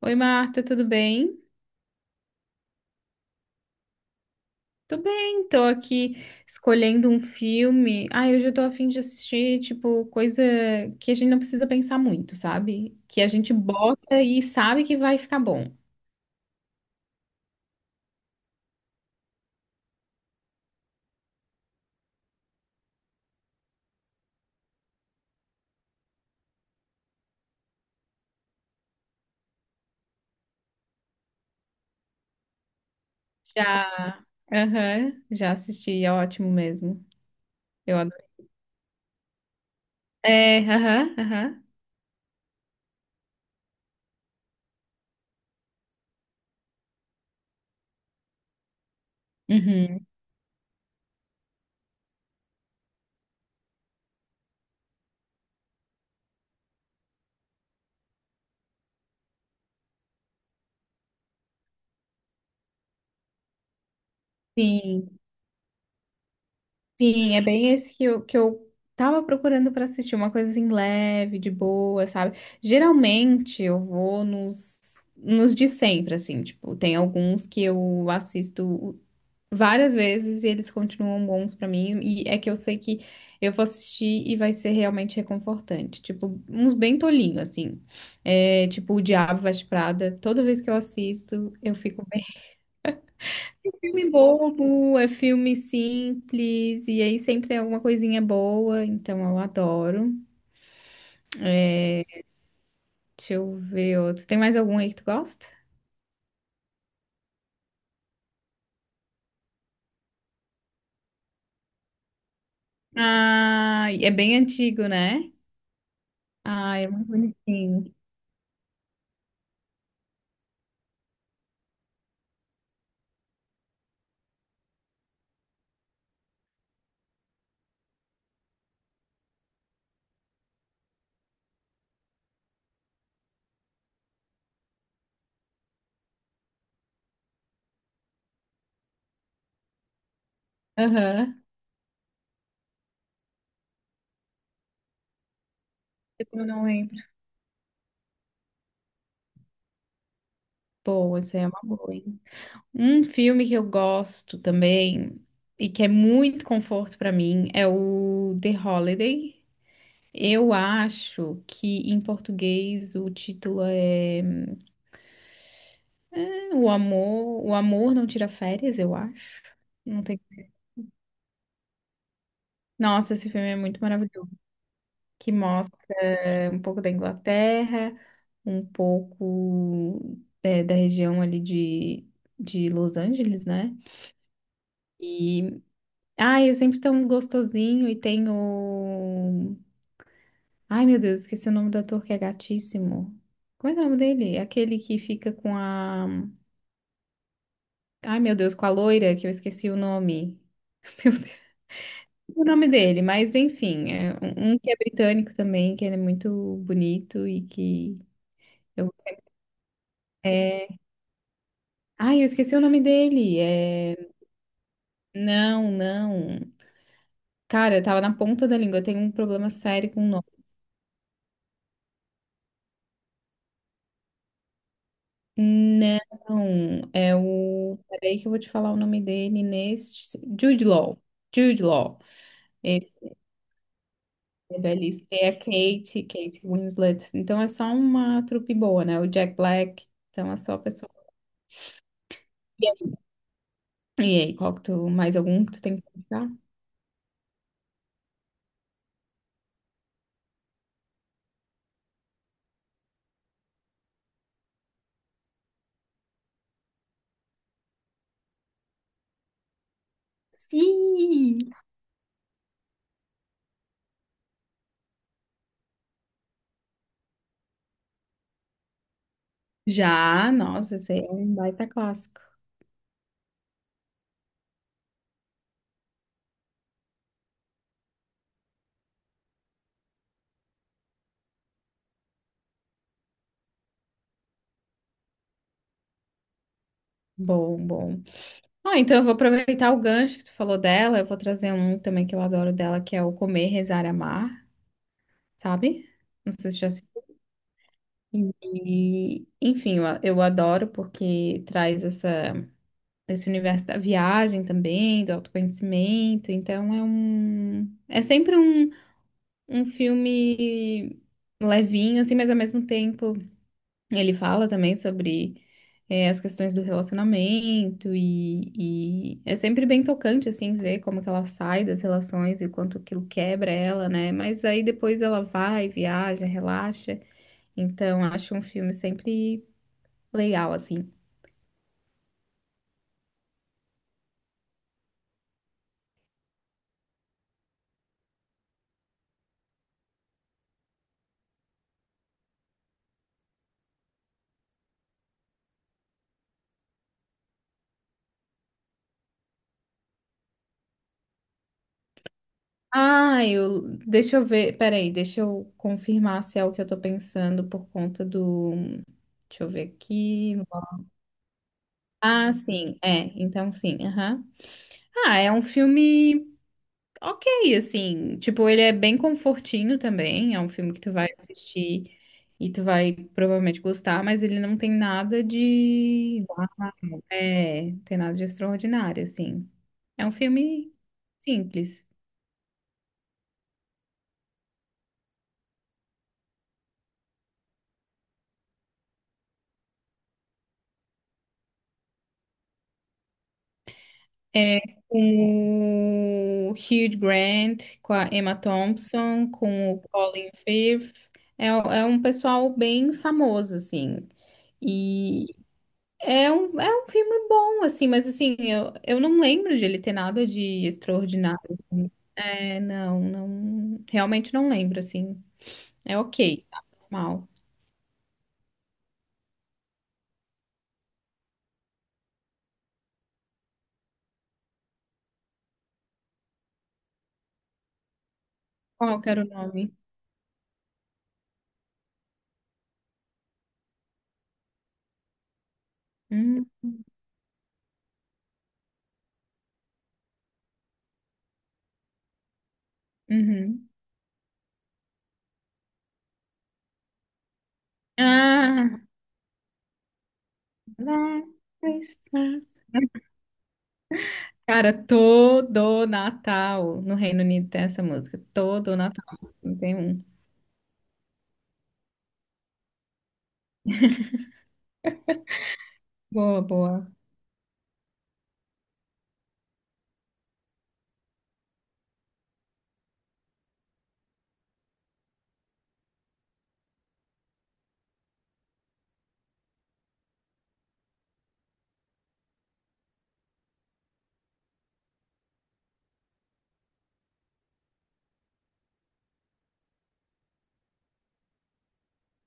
Oi, Marta, tudo bem? Tô bem, tô aqui escolhendo um filme. Ai, hoje eu tô a fim de assistir, tipo, coisa que a gente não precisa pensar muito, sabe? Que a gente bota e sabe que vai ficar bom. Já. Aham, já assisti, é ótimo mesmo. Eu adoro. É, aham, aham. Uhum. Sim. Sim, é bem esse que eu tava procurando pra assistir, uma coisa assim leve, de boa, sabe? Geralmente eu vou nos de sempre, assim, tipo, tem alguns que eu assisto várias vezes e eles continuam bons pra mim, e é que eu sei que eu vou assistir e vai ser realmente reconfortante, tipo, uns bem tolinho, assim, é, tipo, O Diabo Veste Prada, toda vez que eu assisto, eu fico um filme bobo, é filme simples, e aí sempre tem alguma coisinha boa, então eu adoro. Deixa eu ver outro. Tem mais algum aí que tu gosta? Ah, é bem antigo, né? Ah, é muito bonitinho. Aham. Eu não lembro. Boa, essa aí é uma boa, hein? Um filme que eu gosto também, e que é muito conforto pra mim, é o The Holiday. Eu acho que em português o título é o amor, o amor não tira férias, eu acho. Não tem. Nossa, esse filme é muito maravilhoso, que mostra um pouco da Inglaterra, um pouco é, da região ali de Los Angeles, né? E ai, é sempre tão gostosinho e tem o ai, meu Deus, esqueci o nome do ator que é gatíssimo. Como é que é o nome dele? Aquele que fica com a ai, meu Deus, com a loira, que eu esqueci o nome, o nome dele, mas enfim, é um que é britânico também, que ele é muito bonito e que eu é... Ai, eu esqueci o nome dele. É... Não, não. Cara, eu tava na ponta da língua. Eu tenho um problema sério com o nome. Não, é o. Peraí que eu vou te falar o nome dele neste. Jude Law. Jude Law. Esse é belíssimo. É a Kate, Kate Winslet. Então é só uma trupe boa, né? O Jack Black. Então é só a pessoa. E aí, qual que tu, mais algum que tu tem que puxar? Sim! Já, nossa, esse aí é um baita clássico. Bom, bom. Ah, então eu vou aproveitar o gancho que tu falou dela, eu vou trazer um também que eu adoro dela, que é o Comer, Rezar, Amar, sabe? Não sei se já assistiu. E, enfim, eu adoro porque traz essa, esse universo da viagem também, do autoconhecimento. Então é sempre um, um filme levinho, assim, mas ao mesmo tempo ele fala também sobre as questões do relacionamento e é sempre bem tocante, assim, ver como que ela sai das relações e o quanto aquilo quebra ela, né? Mas aí depois ela vai, viaja, relaxa. Então, acho um filme sempre legal, assim. Ah, eu... Deixa eu ver... Peraí, deixa eu confirmar se é o que eu tô pensando por conta do... Deixa eu ver aqui... Ah, sim, é. Então, sim, aham. Ah, é um filme... ok, assim. Tipo, ele é bem confortinho também. É um filme que tu vai assistir e tu vai provavelmente gostar, mas ele não tem nada de. É, não tem nada de extraordinário, assim. É um filme simples. É com o Hugh Grant, com a Emma Thompson, com o Colin Firth. É, é um pessoal bem famoso, assim. E é um filme bom, assim, mas assim, eu não lembro de ele ter nada de extraordinário. É, não, não, realmente não lembro, assim. É ok, tá normal. Qual que era o nome? Hum, uhum. Ah, Last Christmas. Cara, todo Natal no Reino Unido tem essa música. Todo Natal. Não tem um. Boa, boa.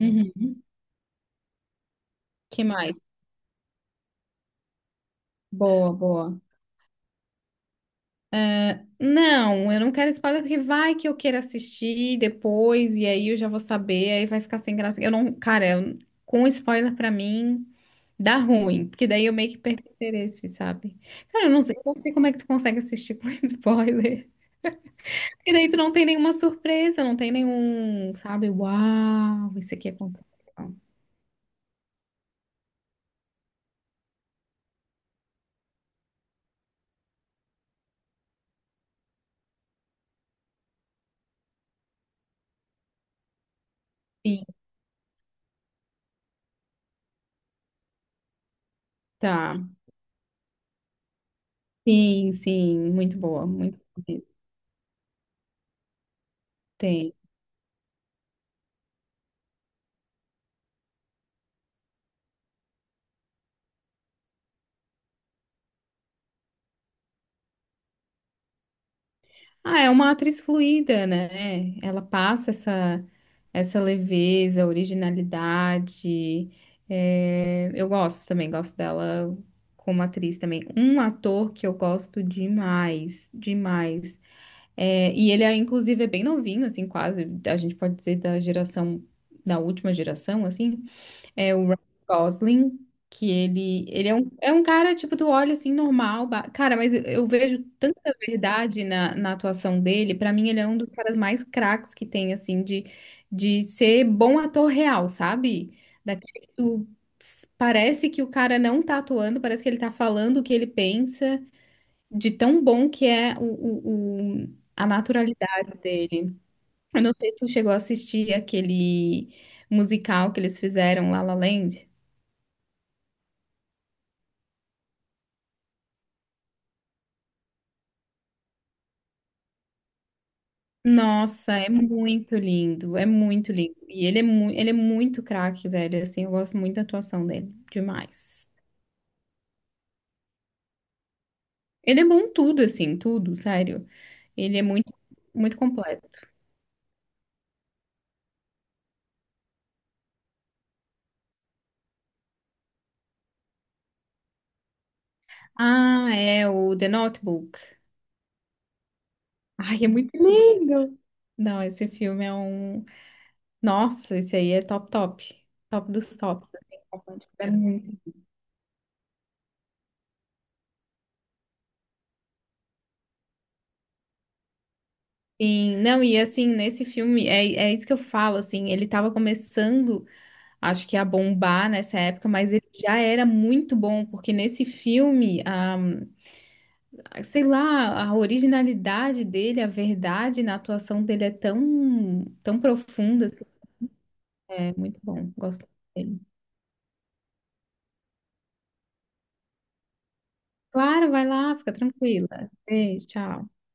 Uhum. Que mais? Boa, boa. Não, eu não quero spoiler porque vai que eu queira assistir depois e aí eu já vou saber, aí vai ficar sem graça. Eu não, cara, eu- com spoiler pra mim dá ruim, porque daí eu meio que perco o interesse, sabe? Cara, eu não sei como é que tu consegue assistir com spoiler. Porque daí tu não tem nenhuma surpresa, não tem nenhum, sabe? Uau, isso aqui aconteceu. Sim, tá. Sim, sim, muito boa, muito boa. Tem. Ah, é uma atriz fluida, né? Ela passa essa, essa leveza, originalidade. É, eu gosto também, gosto dela como atriz também. Um ator que eu gosto demais, demais. É, e ele, é, inclusive, é bem novinho, assim, quase, a gente pode dizer da geração, da última geração, assim. É o Ryan Gosling, que ele é um cara, tipo, tu olha assim, normal. Ba- Cara, mas eu vejo tanta verdade na, na atuação dele. Pra mim, ele é um dos caras mais craques que tem, assim, de ser bom ator real, sabe? Daquele que tu, ps- parece que o cara não tá atuando, parece que ele tá falando o que ele pensa, de tão bom que é o- a naturalidade dele. Eu não sei se tu chegou a assistir aquele musical que eles fizeram, La La Land. Nossa, é muito lindo, é muito lindo. E ele é, mu ele é muito craque, velho. Assim, eu gosto muito da atuação dele, demais. Ele é bom em tudo, assim, tudo, sério. Ele é muito, muito completo. Ah, é o The Notebook. Ai, é muito lindo. Não, esse filme é um. Nossa, esse aí é top, top. Top dos tops. Assim, é muito. Sim, não, e assim, nesse filme, é, é isso que eu falo, assim, ele tava começando, acho que a bombar nessa época, mas ele já era muito bom, porque nesse filme, a, sei lá, a originalidade dele, a verdade na atuação dele é tão, tão profunda, assim, é muito bom, gosto dele. Claro, vai lá, fica tranquila. Beijo, tchau.